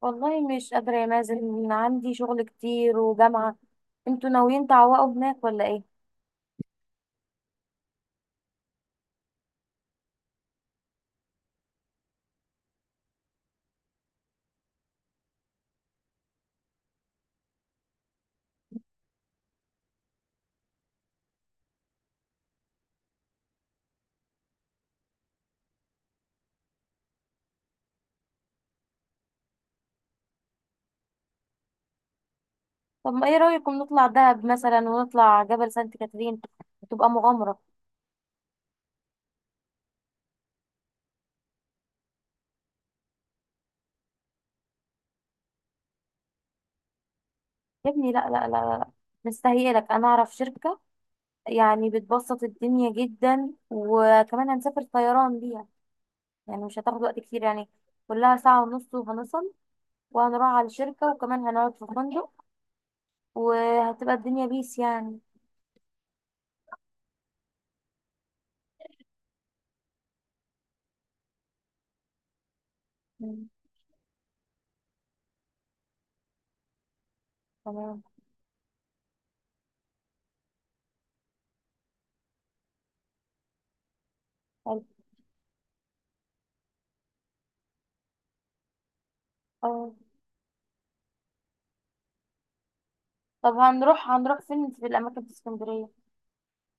والله مش قادرة يا مازن، عندي شغل كتير وجامعة. انتوا ناويين تعوقوا هناك ولا ايه؟ طب ما ايه رأيكم نطلع دهب مثلا ونطلع جبل سانت كاترين، تبقى مغامرة. يا ابني لا لا لا لا، مستهيئلك انا اعرف شركة، يعني بتبسط الدنيا جدا وكمان هنسافر طيران بيها، يعني مش هتاخد وقت كتير يعني، كلها ساعة ونص وهنصل. وهنروح على الشركة وكمان هنقعد في فندق، وهتبقى الدنيا بيس يعني. مم. تمام. حلو. اه. طب هنروح هنروح فين في الأماكن في اسكندرية؟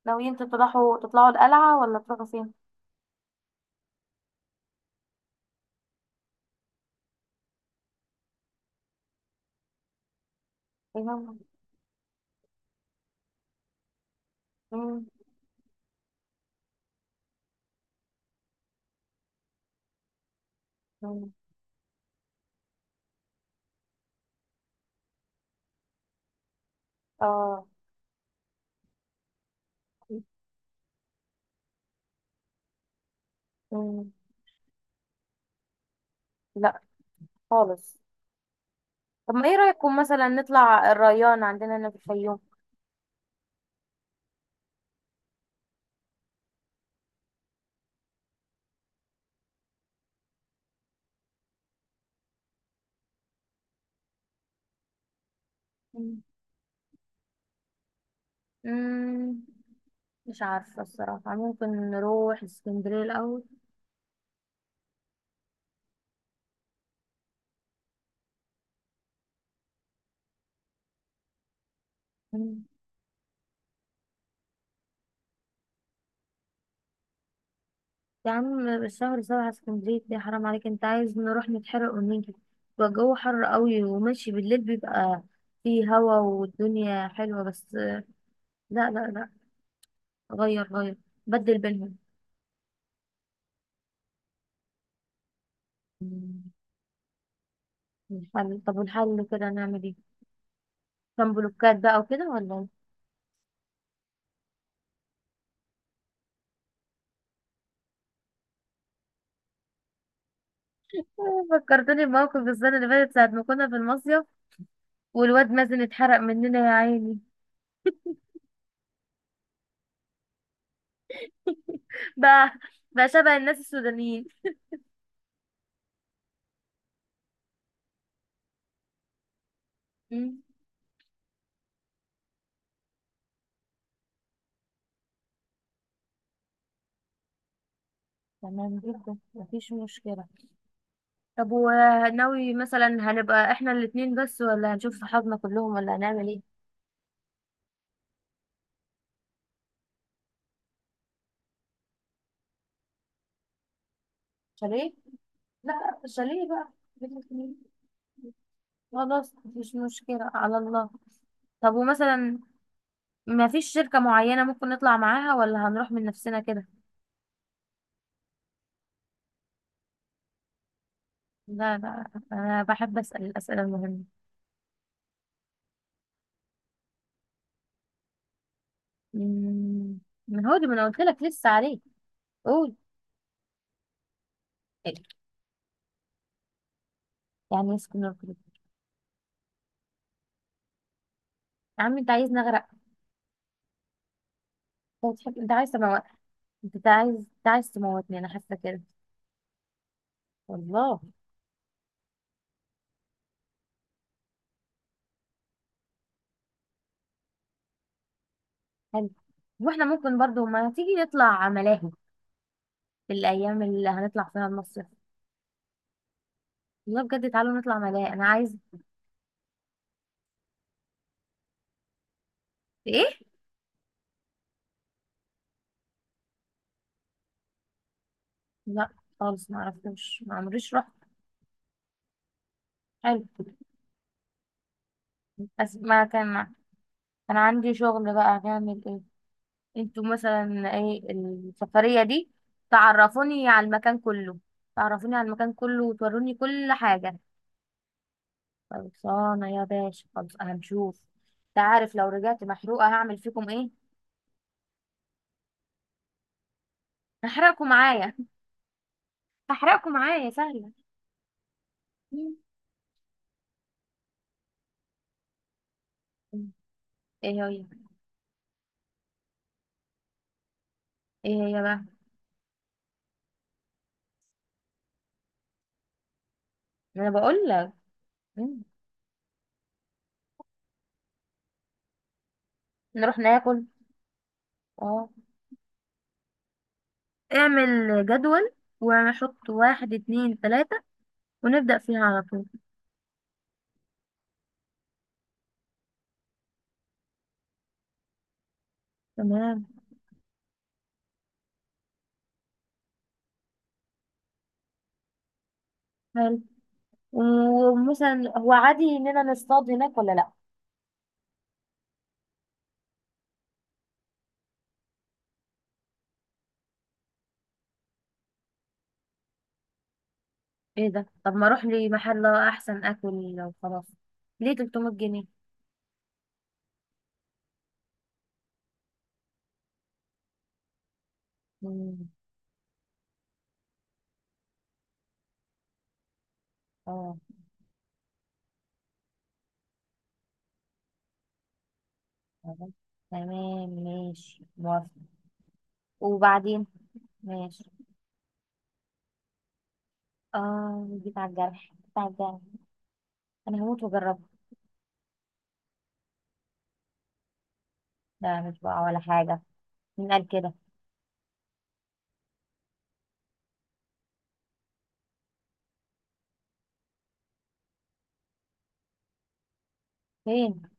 ناويين تطلعوا تطلعوا القلعة ولا تروحوا فين؟ مم. مم. مم. آه. مم. لا خالص. طب ما ايه رأيكم مثلا نطلع الريان عندنا هنا في الفيوم؟ مم. مم. مش عارفة الصراحة، ممكن نروح اسكندرية الأول. مم. يا عم الشهر سبعة اسكندرية دي حرام عليك، انت عايز نروح نتحرق ونيجي، بيبقى الجو حر قوي، وماشي بالليل بيبقى فيه هوا والدنيا حلوة، بس لا لا لا، غير غير، بدل بينهم. مم. الحل، طب والحل كده نعمل ايه؟ كان بلوكات بقى وكده ولا ايه؟ فكرتني بموقف السنة اللي فاتت ساعة ما كنا في المصيف، والواد مازن اتحرق مننا يا عيني. بقى، بقى شبه الناس السودانيين. مم. تمام جدا مفيش مشكلة. طب وناوي مثلا هنبقى احنا الاتنين بس، ولا هنشوف صحابنا كلهم، ولا هنعمل ايه؟ شاليه، لا شاليه بقى. خلاص مفيش مشكلة، على الله. طب ومثلا، ما فيش شركة معينة ممكن نطلع معاها، ولا هنروح من نفسنا كده؟ لا لا، أنا بحب أسأل الأسئلة المهمة. مم. ما هو دي ما أنا قلت لك لسه عليه. قول. إيه؟ يعني يسكن الكل. يا عم أنت عايز نغرق؟ أنت بتحب، أنت عايز تموت. أنت عايز أنت عايز تموتني، أنا حاسة كده. والله. حلو. وإحنا ممكن برضو ما تيجي نطلع ملاهي في الأيام اللي هنطلع فيها المصيف. والله بجد تعالوا نطلع ملاهي، أنا عايز. إيه؟ لا خالص، ما عرفتوش، ما عمريش رحت. حلو. بس ما كان. انا عندي شغل بقى، هنعمل ايه؟ انتوا مثلا ايه؟ السفرية دي. تعرفوني على المكان كله، تعرفوني على المكان كله وتوروني كل حاجة. خلصانة يا باشا، خلص هنشوف. انت عارف لو رجعت محروقة هعمل فيكم ايه؟ هحرقكم معايا. هحرقكم معايا سهلة. مم. ايه هي؟ ايه هي بقى؟ انا بقول لك. مم. نروح ناكل. اه. اعمل جدول، ونحط واحد اتنين تلاتة، ونبدأ فيها على طول. تمام. حلو. ومثلا هو عادي اننا نصطاد هناك ولا لا؟ ايه ده؟ طب ما اروح لمحل احسن اكل وخلاص، ليه 300 جنيه؟ مم. اه. خلاص. تمام ماشي موافقة. وبعدين. ماشي. اه جيت على الجرح، جيت على الجرح، انا هموت واجربه. لا مش بقى ولا حاجة، مين قال كده؟ فين؟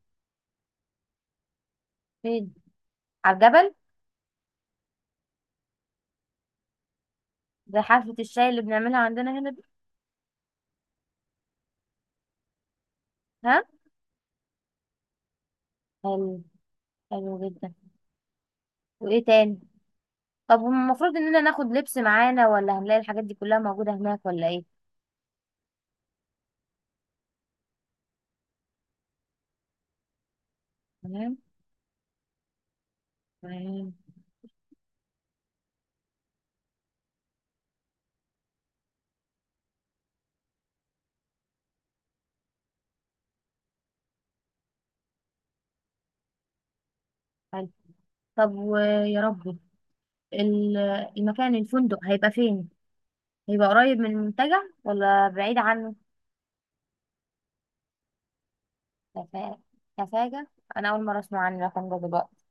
فين؟ على الجبل، زي حفلة الشاي اللي بنعملها عندنا هنا دي. ها. حلو. حلو جدا. وايه تاني؟ طب المفروض اننا ناخد لبس معانا، ولا هنلاقي الحاجات دي كلها موجودة هناك، ولا ايه؟ تمام. تمام. حلو. طب ويا ربي، ال- المكان، الفندق هيبقى فين؟ هيبقى قريب من المنتجع ولا بعيد عنه؟ كفا- كفاجة؟ انا اول مرة اسمع عن الرقم ده دلوقتي.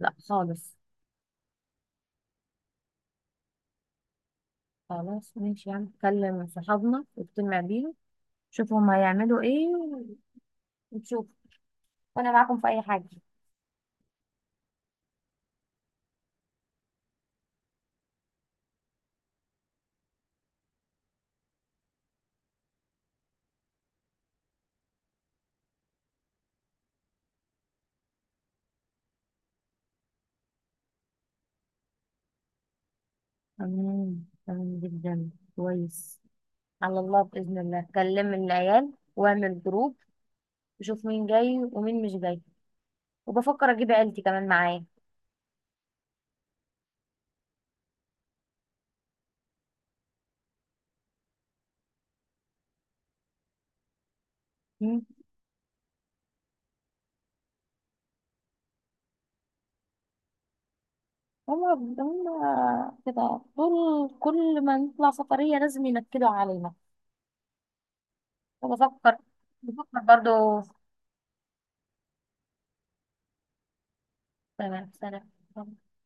لا خالص. خلاص ماشي، يعني نكلم صحابنا ونجتمع بيهم، شوف هم هيعملوا ايه، ونشوف، وانا معاكم في اي حاجة. تمام. تمام جدا. كويس. على الله بإذن الله، كلم العيال واعمل جروب، وشوف مين جاي ومين مش جاي. وبفكر أجيب عيلتي كمان معايا. هم. هم. كده طول، كل ما نطلع سفرية لازم ينكدوا علينا. وبفكر، بفكر برضو. تمام سلام.